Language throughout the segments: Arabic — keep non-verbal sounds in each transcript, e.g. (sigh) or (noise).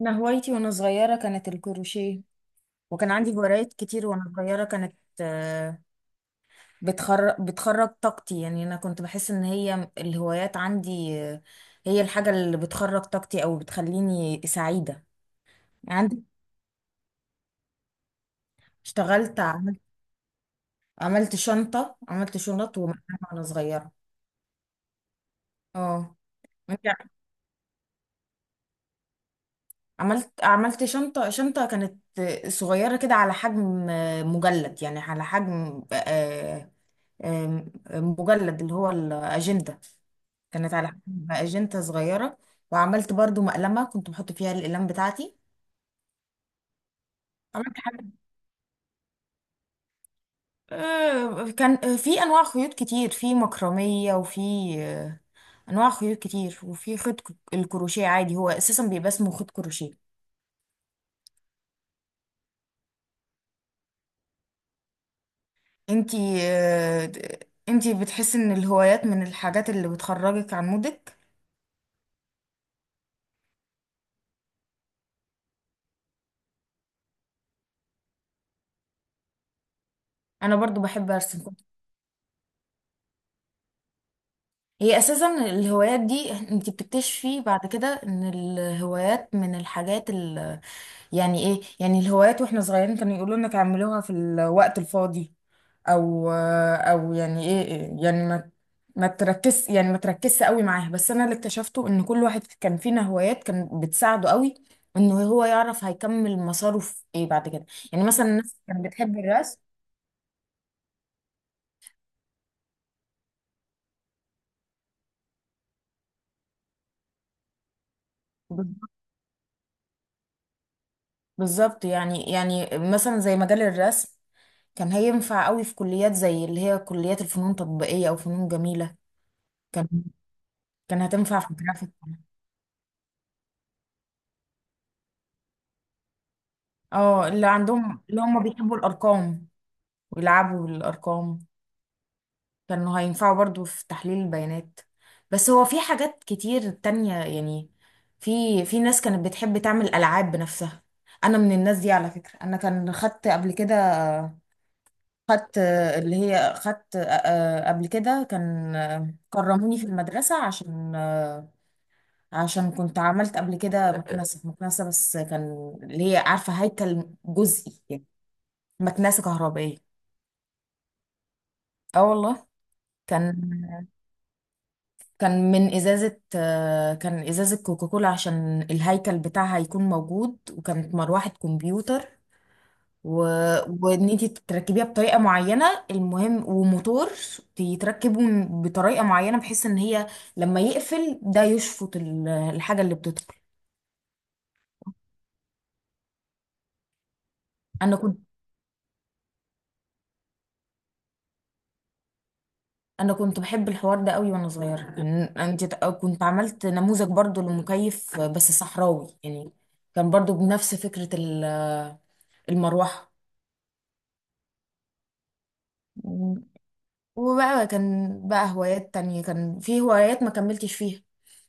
أنا هوايتي وأنا صغيرة كانت الكروشيه، وكان عندي هوايات كتير وأنا صغيرة. كانت آه، بتخرج طاقتي، يعني أنا كنت بحس إن هي الهوايات عندي، هي الحاجة اللي بتخرج طاقتي أو بتخليني سعيدة. يعني عندي اشتغلت عملت عملت شنطة، عملت شنط ومقاس وأنا صغيرة. اه. أنت، عملت شنطة كانت صغيرة كده، على حجم مجلد، يعني على حجم آه، مجلد، اللي هو الأجندة. كانت على حجم اجنته صغيره. وعملت برضو مقلمه كنت بحط فيها الاقلام بتاعتي. عملت حاجه، كان في انواع خيوط كتير، في مكرميه وفي آه، انواع خيوط كتير، وفي خيط الكروشيه عادي. هو اساسا بيبقى اسمه خيط كروشيه. انتي آه، انتي بتحسي ان الهوايات من الحاجات اللي بتخرجك عن مودك؟ انا برضو بحب ارسم. هي اساسا الهوايات دي انت بتكتشفي بعد كده ان الهوايات من الحاجات يعني ايه، يعني الهوايات واحنا صغيرين كانوا يقولوا لنا تعملوها في الوقت الفاضي، او يعني ايه، يعني ما تركز، يعني ما تركزش قوي معاها. بس انا اللي اكتشفته ان كل واحد كان فينا هوايات كان بتساعده قوي، انه هو يعرف هيكمل مساره في ايه بعد كده. يعني مثلا الناس كانت بتحب الرسم. بالظبط، يعني مثلا زي مجال الرسم، كان هينفع قوي في كليات زي اللي هي كليات الفنون التطبيقية او فنون جميلة. كان كان هتنفع في الجرافيك. اه، اللي عندهم، اللي هم بيحبوا الارقام ويلعبوا بالارقام كانوا هينفعوا برضو في تحليل البيانات. بس هو في حاجات كتير تانية يعني. في في ناس كانت بتحب تعمل العاب بنفسها. انا من الناس دي على فكرة. انا كان خدت قبل كده، خدت اللي هي خدت آه، آه، قبل كده كان، كرموني في المدرسة عشان، عشان كنت عملت قبل كده مكنسة. بس كان اللي هي عارفة هيكل جزئي يعني. مكنسة كهربائية. اه والله. كان كان من إزازة، كان إزازة كوكاكولا عشان الهيكل بتاعها يكون موجود، وكانت مروحة كمبيوتر. و... وإن أنت تركبيها بطريقة معينة، المهم، وموتور يتركبه بطريقة معينة، بحيث إن هي لما يقفل ده يشفط الحاجة اللي بتدخل. أنا كنت، انا كنت بحب الحوار ده قوي وانا صغيره. يعني انت كنت عملت نموذج برضو لمكيف بس صحراوي، يعني كان برضو بنفس فكره المروحه. وبقى كان بقى هوايات تانية. كان في هوايات ما كملتش فيها،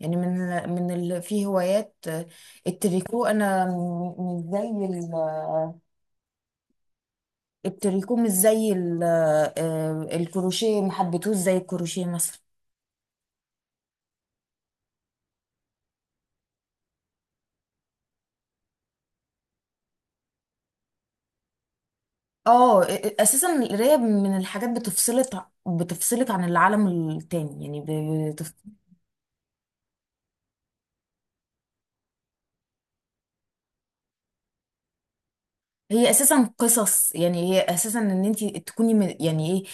يعني من في هوايات، التريكو. انا مش زي التريكو مش زي ال... آه، الكروشيه، ما حبيتهوش زي الكروشيه مثلا. اه، اساسا القرايه من الحاجات بتفصلك عن العالم التاني يعني. بتف... هي اساسا قصص، يعني هي اساسا ان انت تكوني من، يعني ايه،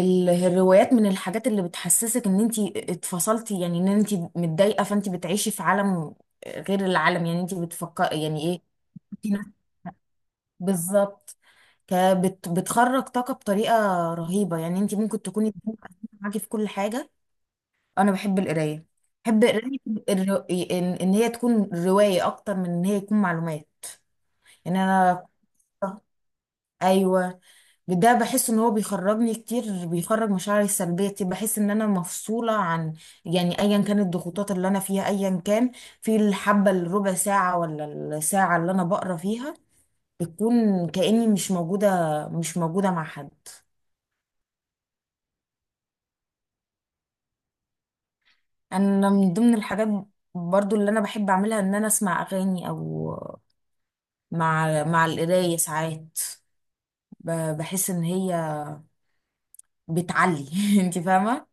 الروايات من الحاجات اللي بتحسسك ان انت اتفصلتي. يعني ان انت متضايقه فانت بتعيشي في عالم غير العالم، يعني انت بتفكري يعني ايه. انت نفس- بالظبط، بتخرج طاقه بطريقه رهيبه. يعني انت ممكن تكوني معاكي في كل حاجه. انا بحب القرايه، بحب قرايه الر... ان إن هي تكون روايه اكتر من ان هي يكون معلومات. ان انا، ايوه، ده بحس ان هو بيخرجني كتير، بيخرج مشاعري السلبيه كتير. بحس ان انا مفصوله عن، يعني ايا كانت الضغوطات اللي انا فيها ايا كان. في الحبه الربع ساعه ولا الساعه اللي انا بقرا فيها، بتكون كاني مش موجوده مع حد. انا من ضمن الحاجات برضو اللي انا بحب اعملها ان انا اسمع اغاني، او مع القراية ساعات بحس ان هي بتعلي. (laughs) انت فاهمة.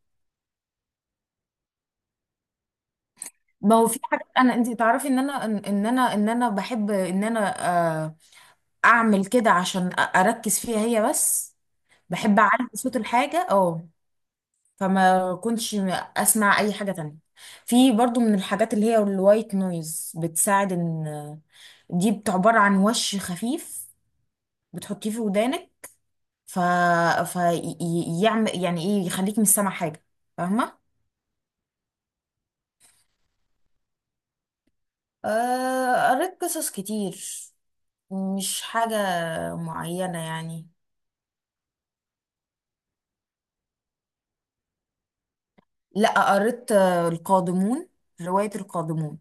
ما هو في حاجات، انا انت تعرفي ان انا، ان انا بحب ان انا آه، اعمل كده عشان اركز فيها هي بس. بحب اعلي صوت الحاجة. اه. فما كنتش اسمع اي حاجة تانية. في برضو من الحاجات اللي هي الوايت نويز، بتساعد ان دي عبارة عن وش خفيف بتحطيه في ودانك، ف فيعمل، يعني ايه، يخليك مش سامع حاجة. فاهمة؟ قريت قصص كتير، مش حاجة معينة يعني. لا، قريت القادمون، رواية القادمون.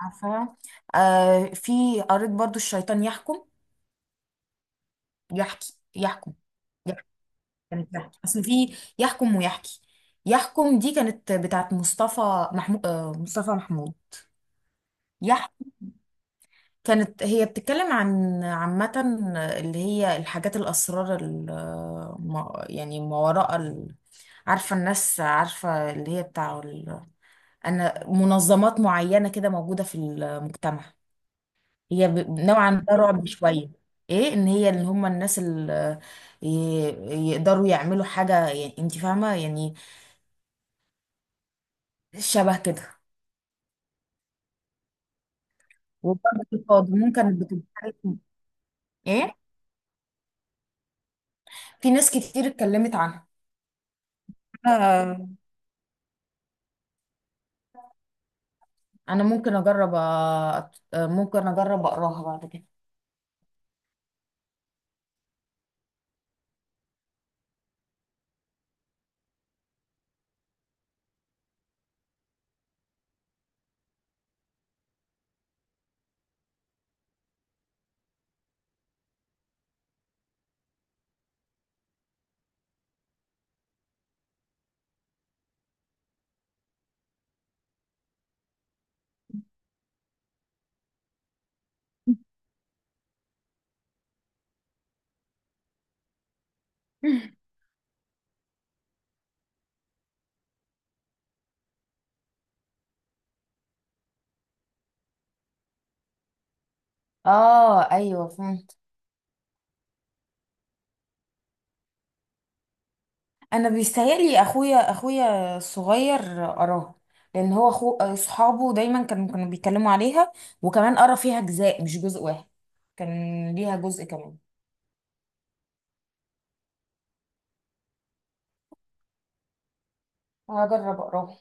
عارفة؟ آه، في، قريت برضو الشيطان يحكم يحكي يحكم يحكي. كانت يحكي، اصل في يحكم ويحكي. يحكم دي كانت بتاعت مصطفى محمود. آه، مصطفى محمود. كانت هي بتتكلم عن عامة، اللي هي الحاجات الأسرار، يعني ما وراء عارفة، الناس عارفة اللي هي بتاع أنا منظمات معينة كده موجودة في المجتمع. هي نوعا ما رعب شوية. ايه، ان هي اللي هم الناس اللي يقدروا يعملوا حاجة يعني، انت فاهمة يعني. شبه كده. وبرضه القادمون كانت بتتكلم. ايه، في ناس كتير اتكلمت عنها. انا ممكن اجرب ممكن اجرب اقراها بعد كده. اه ايوه، فهمت. انا بيستاهلي اخويا، الصغير، قراها، لان هو اخو اصحابه دايما كانوا بيتكلموا عليها. وكمان قرا فيها اجزاء، مش جزء واحد، كان ليها جزء كمان. هجرب اقراها.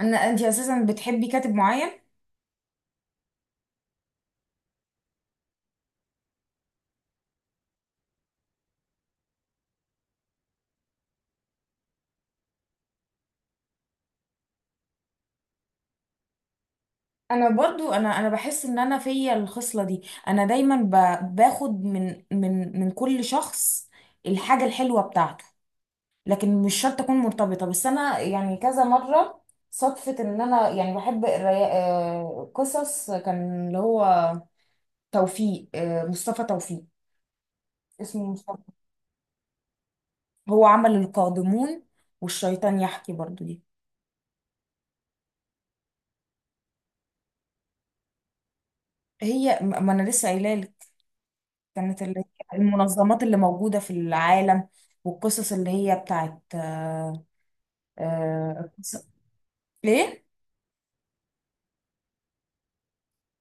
انا، انت اساسا بتحبي كاتب معين؟ انا برضو، انا بحس ان انا فيا الخصله دي. انا دايما باخد من كل شخص الحاجه الحلوه بتاعته. لكن مش شرط اكون مرتبطه. بس انا يعني كذا مره صدفه ان انا يعني بحب الري... آه، قصص كان اللي هو توفيق، مصطفى توفيق. اسمه مصطفى. هو عمل القادمون والشيطان يحكي برضو دي. هي، ما انا لسه قايله لك. كانت اللي هي المنظمات اللي موجوده في العالم، والقصص اللي هي بتاعت آه، قص- ليه؟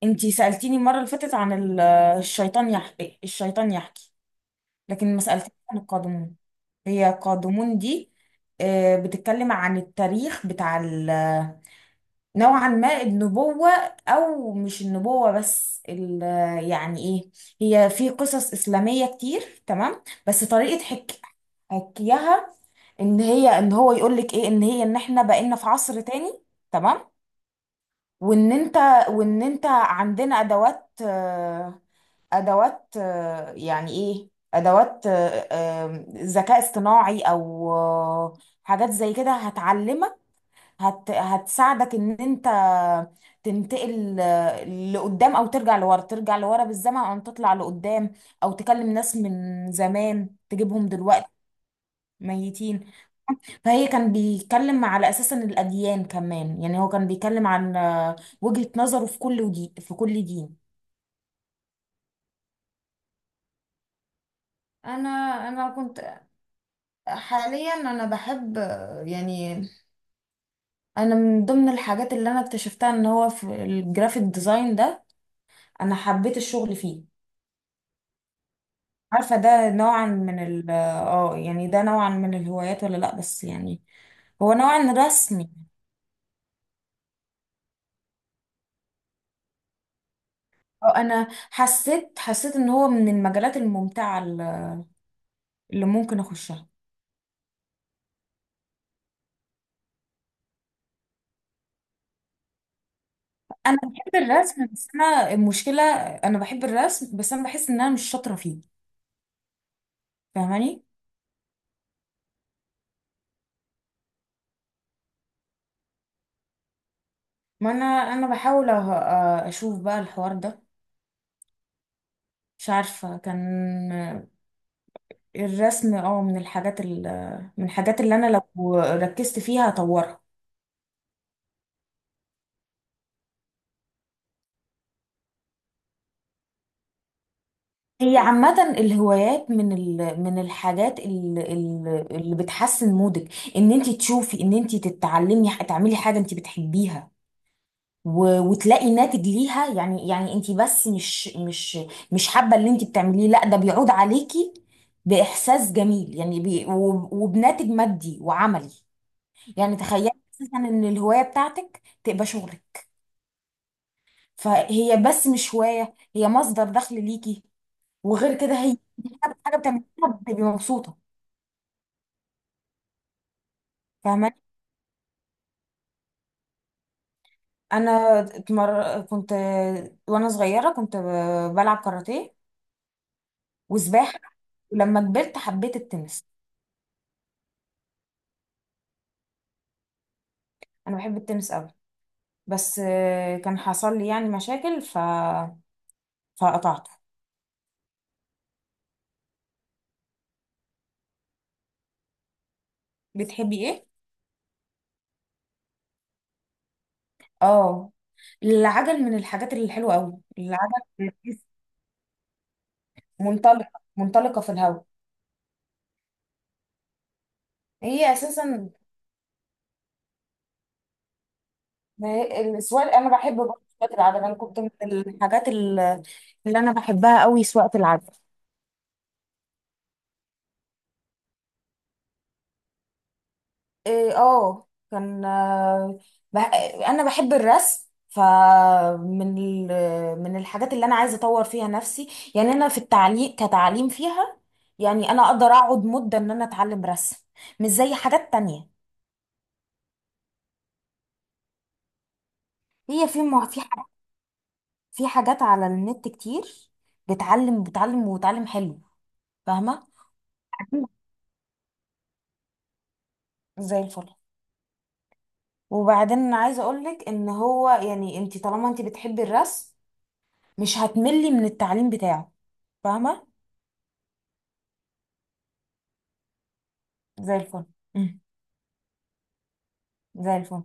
انتي سألتيني المره اللي فاتت عن الشيطان يحكي، الشيطان يحكي، لكن ما سألتنيش عن القادمون. هي قادمون دي بتتكلم عن التاريخ بتاع نوعا ما النبوة. أو مش النبوة بس يعني إيه. هي في قصص إسلامية كتير تمام، بس طريقة حكيها، إن هي، إن هو يقول لك إيه، إن هي، إن إحنا بقينا في عصر تاني، تمام. وإن أنت وإن أنت عندنا أدوات، ادوات، يعني ايه، ادوات، ذكاء اصطناعي، او حاجات زي كده هتعلمك، هتساعدك ان انت تنتقل لقدام، او ترجع لورا، بالزمن، او تطلع لقدام، او تكلم ناس من زمان تجيبهم دلوقتي، ميتين. فهي كان بيتكلم على اساس ان الاديان كمان، يعني هو كان بيتكلم عن وجهة نظره في كل ودي، في كل دين. انا انا كنت، حاليا انا بحب، يعني انا من ضمن الحاجات اللي انا اكتشفتها ان هو في الجرافيك ديزاين ده، انا حبيت الشغل فيه. عارفة، ده نوعا من ال اه يعني ده نوعا من الهوايات ولا لا، بس يعني هو نوعا رسمي. اه، انا حسيت ان هو من المجالات الممتعة اللي ممكن اخشها. انا بحب الرسم بس انا المشكلة، انا بحب الرسم بس انا بحس ان انا مش شاطرة فيه. فاهماني؟ ما انا، انا بحاول أه- أه، اشوف بقى الحوار ده، مش عارفة. كان الرسم اه من الحاجات من الحاجات اللي انا لو ركزت فيها هطورها. هي عامة الهوايات من من الحاجات اللي بتحسن مودك. ان انت تشوفي ان انت تتعلمي، تعملي حاجة انت بتحبيها وتلاقي ناتج ليها. يعني، انت بس مش، مش حابة اللي انت بتعمليه، لا، ده بيعود عليكي بإحساس جميل. يعني وبناتج مادي وعملي. يعني تخيلي اساسا ان الهوايه بتاعتك تبقى شغلك، فهي بس مش هوايه، هي مصدر دخل ليكي. وغير كده هي حاجه بتعمليها بتبقي مبسوطة. فاهماني؟ انا كنت وانا صغيره كنت بلعب كاراتيه وسباحه. ولما كبرت حبيت التنس. انا بحب التنس قوي، بس كان حصل لي يعني مشاكل فقطعته. بتحبي ايه؟ اه، العجل من الحاجات الحلوه قوي، العجل. منطلقة منطلقة في الهواء. هي أساسا، ما هي- السواقة، أنا بحب برضه سواقة العجل. أنا كنت من الحاجات اللي أنا بحبها قوي سواقة العجل. إيه، اه، كان بح... أنا بحب الرسم، فمن من الحاجات اللي أنا عايزة أطور فيها نفسي. يعني أنا في التعليم كتعليم فيها، يعني أنا أقدر أقعد مدة إن أنا أتعلم رسم، مش زي حاجات تانية. هي في في حاجات على النت كتير بتعلم، وتعلم حلو. فاهمه. أكيد. زي الفل. وبعدين انا عايزه اقول لك ان هو، يعني انت طالما انت بتحبي الرسم مش هتملي من التعليم بتاعه. فاهمه. زي الفل. مم. زي الفل.